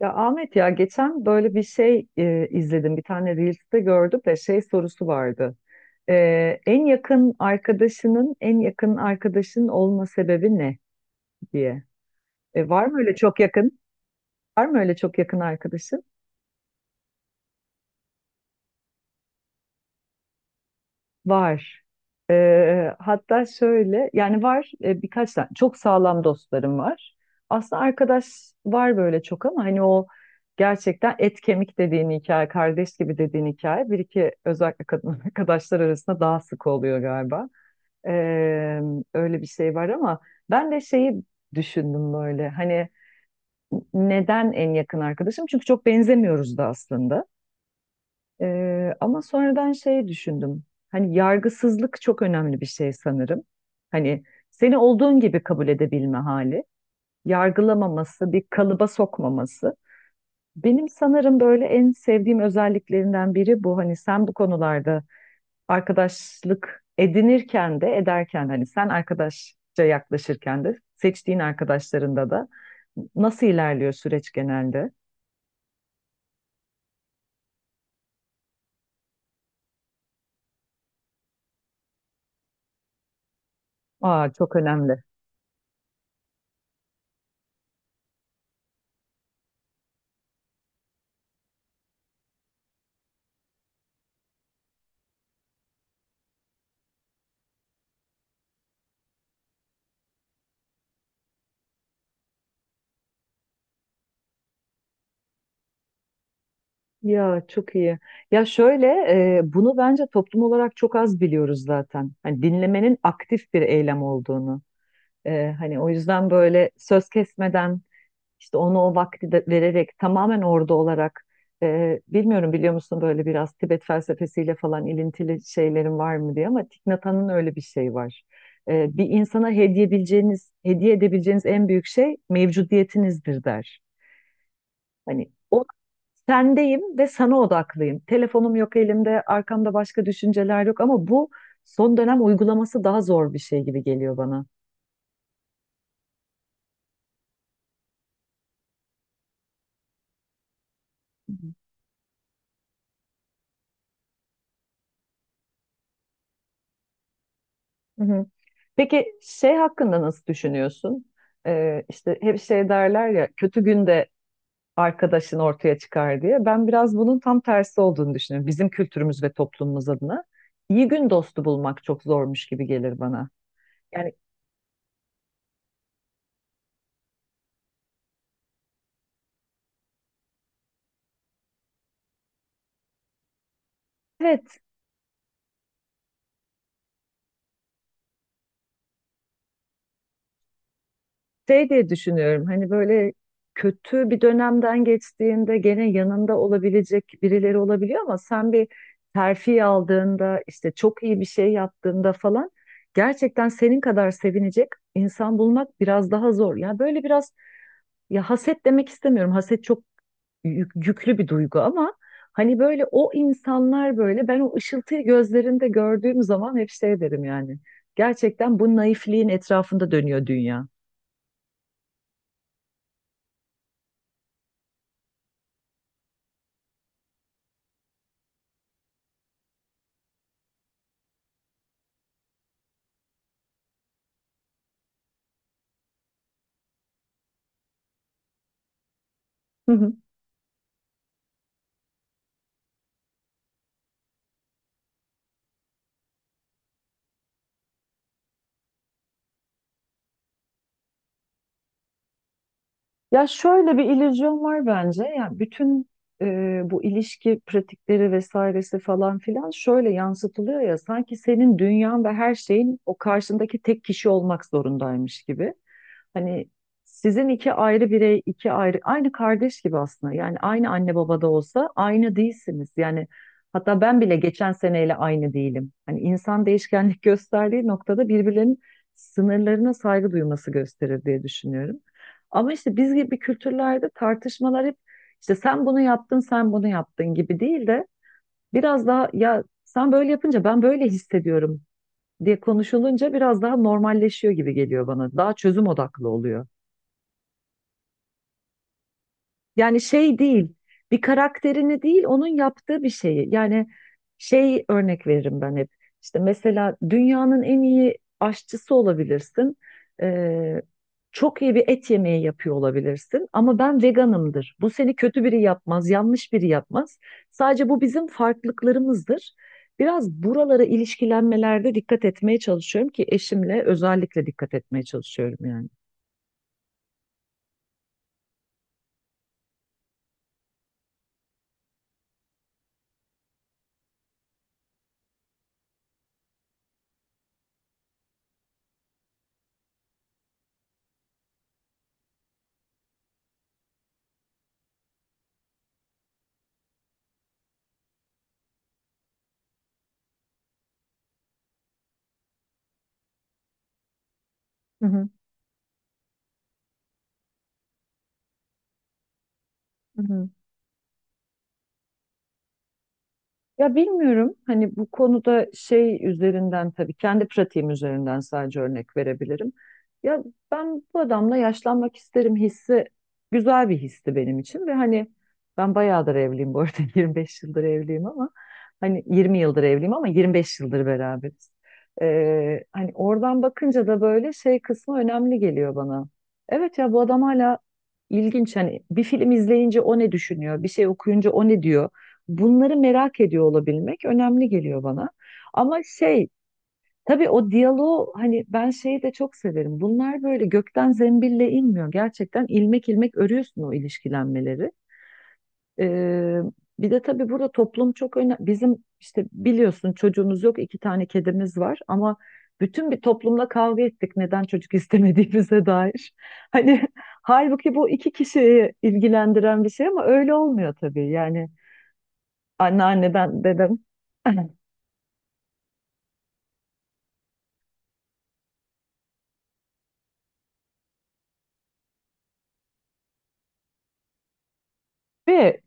Ya Ahmet ya geçen böyle bir şey izledim. Bir tane Reels'te gördüm de şey sorusu vardı. En yakın arkadaşının en yakın arkadaşın olma sebebi ne diye. Var mı öyle çok yakın? Var mı öyle çok yakın arkadaşın? Var. Hatta şöyle yani var birkaç tane çok sağlam dostlarım var. Aslında arkadaş var böyle çok ama hani o gerçekten et kemik dediğin hikaye, kardeş gibi dediğin hikaye bir iki özellikle kadın arkadaşlar arasında daha sık oluyor galiba. Ee, Öyle bir şey var ama ben de şeyi düşündüm böyle hani neden en yakın arkadaşım? Çünkü çok benzemiyoruz da aslında. Ama sonradan şey düşündüm. Hani yargısızlık çok önemli bir şey sanırım. Hani seni olduğun gibi kabul edebilme hali, yargılamaması, bir kalıba sokmaması. Benim sanırım böyle en sevdiğim özelliklerinden biri bu. Hani sen bu konularda arkadaşlık edinirken de ederken hani sen arkadaşça yaklaşırken de seçtiğin arkadaşlarında da nasıl ilerliyor süreç genelde? Aa çok önemli. Ya çok iyi. Ya şöyle bunu bence toplum olarak çok az biliyoruz zaten. Hani dinlemenin aktif bir eylem olduğunu. Hani o yüzden böyle söz kesmeden işte onu o vakti de vererek tamamen orada olarak bilmiyorum biliyor musun böyle biraz Tibet felsefesiyle falan ilintili şeylerin var mı diye ama Thich Nhat Hanh'ın öyle bir şey var. Bir insana hediye edebileceğiniz, hediye edebileceğiniz en büyük şey mevcudiyetinizdir der. Hani o sendeyim ve sana odaklıyım. Telefonum yok elimde, arkamda başka düşünceler yok ama bu son dönem uygulaması daha zor bir şey gibi geliyor bana. Hı hı. Peki şey hakkında nasıl düşünüyorsun? İşte hep şey derler ya kötü günde arkadaşın ortaya çıkar diye. Ben biraz bunun tam tersi olduğunu düşünüyorum. Bizim kültürümüz ve toplumumuz adına. İyi gün dostu bulmak çok zormuş gibi gelir bana. Yani evet, şey diye düşünüyorum hani böyle kötü bir dönemden geçtiğinde gene yanında olabilecek birileri olabiliyor ama sen bir terfi aldığında işte çok iyi bir şey yaptığında falan gerçekten senin kadar sevinecek insan bulmak biraz daha zor. Ya böyle biraz, ya haset demek istemiyorum. Haset çok yüklü bir duygu ama hani böyle o insanlar, böyle ben o ışıltıyı gözlerinde gördüğüm zaman hep şey derim yani. Gerçekten bu naifliğin etrafında dönüyor dünya. Ya şöyle bir illüzyon var bence. Yani bütün bu ilişki pratikleri vesairesi falan filan şöyle yansıtılıyor ya sanki senin dünyan ve her şeyin o karşındaki tek kişi olmak zorundaymış gibi. Hani sizin iki ayrı birey, iki ayrı, aynı kardeş gibi aslında. Yani aynı anne babada olsa aynı değilsiniz. Yani hatta ben bile geçen seneyle aynı değilim. Hani insan değişkenlik gösterdiği noktada birbirlerinin sınırlarına saygı duyması gösterir diye düşünüyorum. Ama işte biz gibi kültürlerde tartışmalar hep işte sen bunu yaptın, sen bunu yaptın gibi değil de biraz daha ya sen böyle yapınca ben böyle hissediyorum diye konuşulunca biraz daha normalleşiyor gibi geliyor bana. Daha çözüm odaklı oluyor. Yani şey değil, bir karakterini değil, onun yaptığı bir şeyi. Yani şey örnek veririm ben hep. İşte mesela dünyanın en iyi aşçısı olabilirsin. Ee, Çok iyi bir et yemeği yapıyor olabilirsin. Ama ben veganımdır. Bu seni kötü biri yapmaz, yanlış biri yapmaz. Sadece bu bizim farklılıklarımızdır. Biraz buralara ilişkilenmelerde dikkat etmeye çalışıyorum ki eşimle özellikle dikkat etmeye çalışıyorum yani. Hı hı. Hı hı. Ya bilmiyorum hani bu konuda şey üzerinden tabii kendi pratiğim üzerinden sadece örnek verebilirim. Ya ben bu adamla yaşlanmak isterim hissi güzel bir histi benim için ve hani ben bayağıdır evliyim bu arada 25 yıldır evliyim ama hani 20 yıldır evliyim ama 25 yıldır beraberiz. Hani oradan bakınca da böyle şey kısmı önemli geliyor bana. Evet ya, bu adam hala ilginç, hani bir film izleyince o ne düşünüyor, bir şey okuyunca o ne diyor. Bunları merak ediyor olabilmek önemli geliyor bana. Ama şey, tabii o diyaloğu hani ben şeyi de çok severim. Bunlar böyle gökten zembille inmiyor. Gerçekten ilmek ilmek örüyorsun o ilişkilenmeleri. Ee, Bir de tabii burada toplum çok önemli. Bizim işte biliyorsun çocuğumuz yok, iki tane kedimiz var ama bütün bir toplumla kavga ettik neden çocuk istemediğimize dair. Hani halbuki bu iki kişiyi ilgilendiren bir şey ama öyle olmuyor tabii yani. Anneanneden, dedem. Ve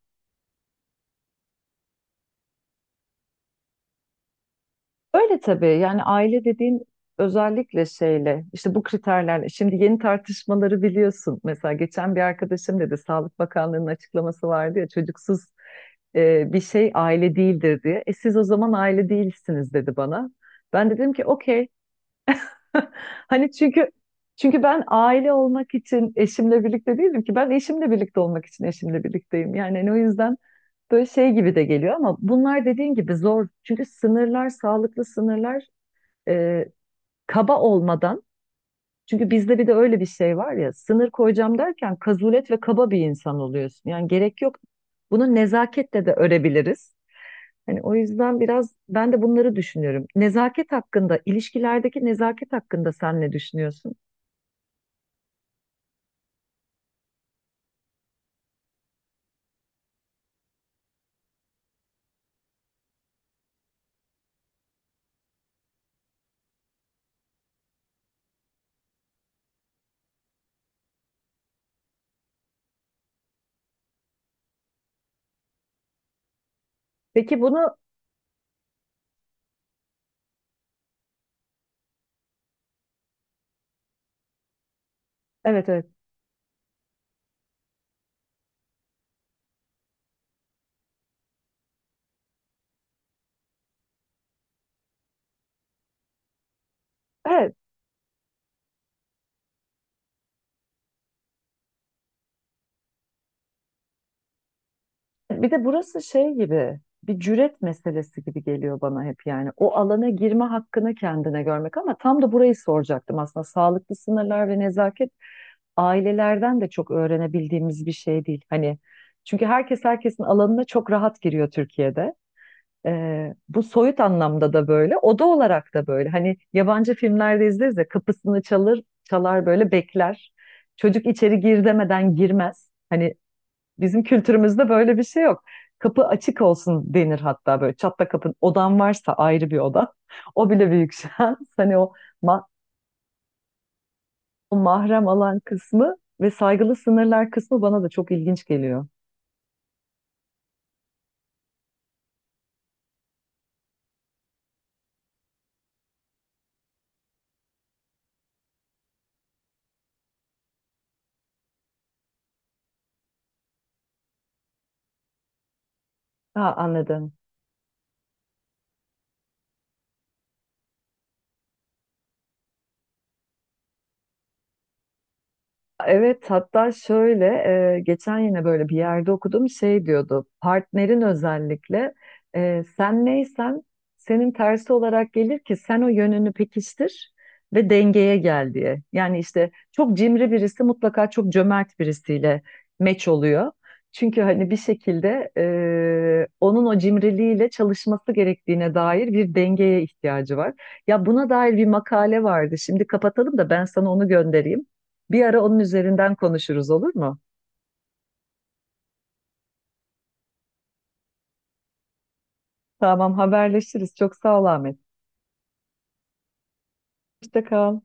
öyle tabii yani aile dediğin özellikle şeyle işte bu kriterlerle şimdi yeni tartışmaları biliyorsun. Mesela geçen bir arkadaşım dedi Sağlık Bakanlığı'nın açıklaması vardı ya çocuksuz bir şey aile değildir diye. E siz o zaman aile değilsiniz dedi bana. Ben de dedim ki okey. Hani çünkü ben aile olmak için eşimle birlikte değilim ki, ben eşimle birlikte olmak için eşimle birlikteyim. Yani hani o yüzden böyle şey gibi de geliyor ama bunlar dediğin gibi zor. Çünkü sınırlar, sağlıklı sınırlar, e, kaba olmadan. Çünkü bizde bir de öyle bir şey var ya, sınır koyacağım derken kazulet ve kaba bir insan oluyorsun. Yani gerek yok. Bunu nezaketle de örebiliriz. Hani o yüzden biraz ben de bunları düşünüyorum. Nezaket hakkında, ilişkilerdeki nezaket hakkında sen ne düşünüyorsun? Peki bunu, evet, evet. Evet, bir de burası şey gibi bir cüret meselesi gibi geliyor bana hep yani. O alana girme hakkını kendine görmek, ama tam da burayı soracaktım aslında. Sağlıklı sınırlar ve nezaket ailelerden de çok öğrenebildiğimiz bir şey değil. Hani çünkü herkes herkesin alanına çok rahat giriyor Türkiye'de. Bu soyut anlamda da böyle, oda olarak da böyle. Hani yabancı filmlerde izleriz ya, kapısını çalır, çalar böyle bekler. Çocuk içeri gir demeden girmez. Hani bizim kültürümüzde böyle bir şey yok. Kapı açık olsun denir, hatta böyle çatla kapın. Odan varsa ayrı bir oda. O bile büyük şans. Hani o, ma- o mahrem alan kısmı ve saygılı sınırlar kısmı bana da çok ilginç geliyor. Ha anladım. Evet hatta şöyle, geçen yine böyle bir yerde okudum şey diyordu, partnerin özellikle sen neysen senin tersi olarak gelir ki sen o yönünü pekiştir ve dengeye gel diye. Yani işte çok cimri birisi mutlaka çok cömert birisiyle meç oluyor. Çünkü hani bir şekilde onun o cimriliğiyle çalışması gerektiğine dair bir dengeye ihtiyacı var. Ya buna dair bir makale vardı. Şimdi kapatalım da ben sana onu göndereyim. Bir ara onun üzerinden konuşuruz, olur mu? Tamam, haberleşiriz. Çok sağ ol Ahmet. Hoşça kal.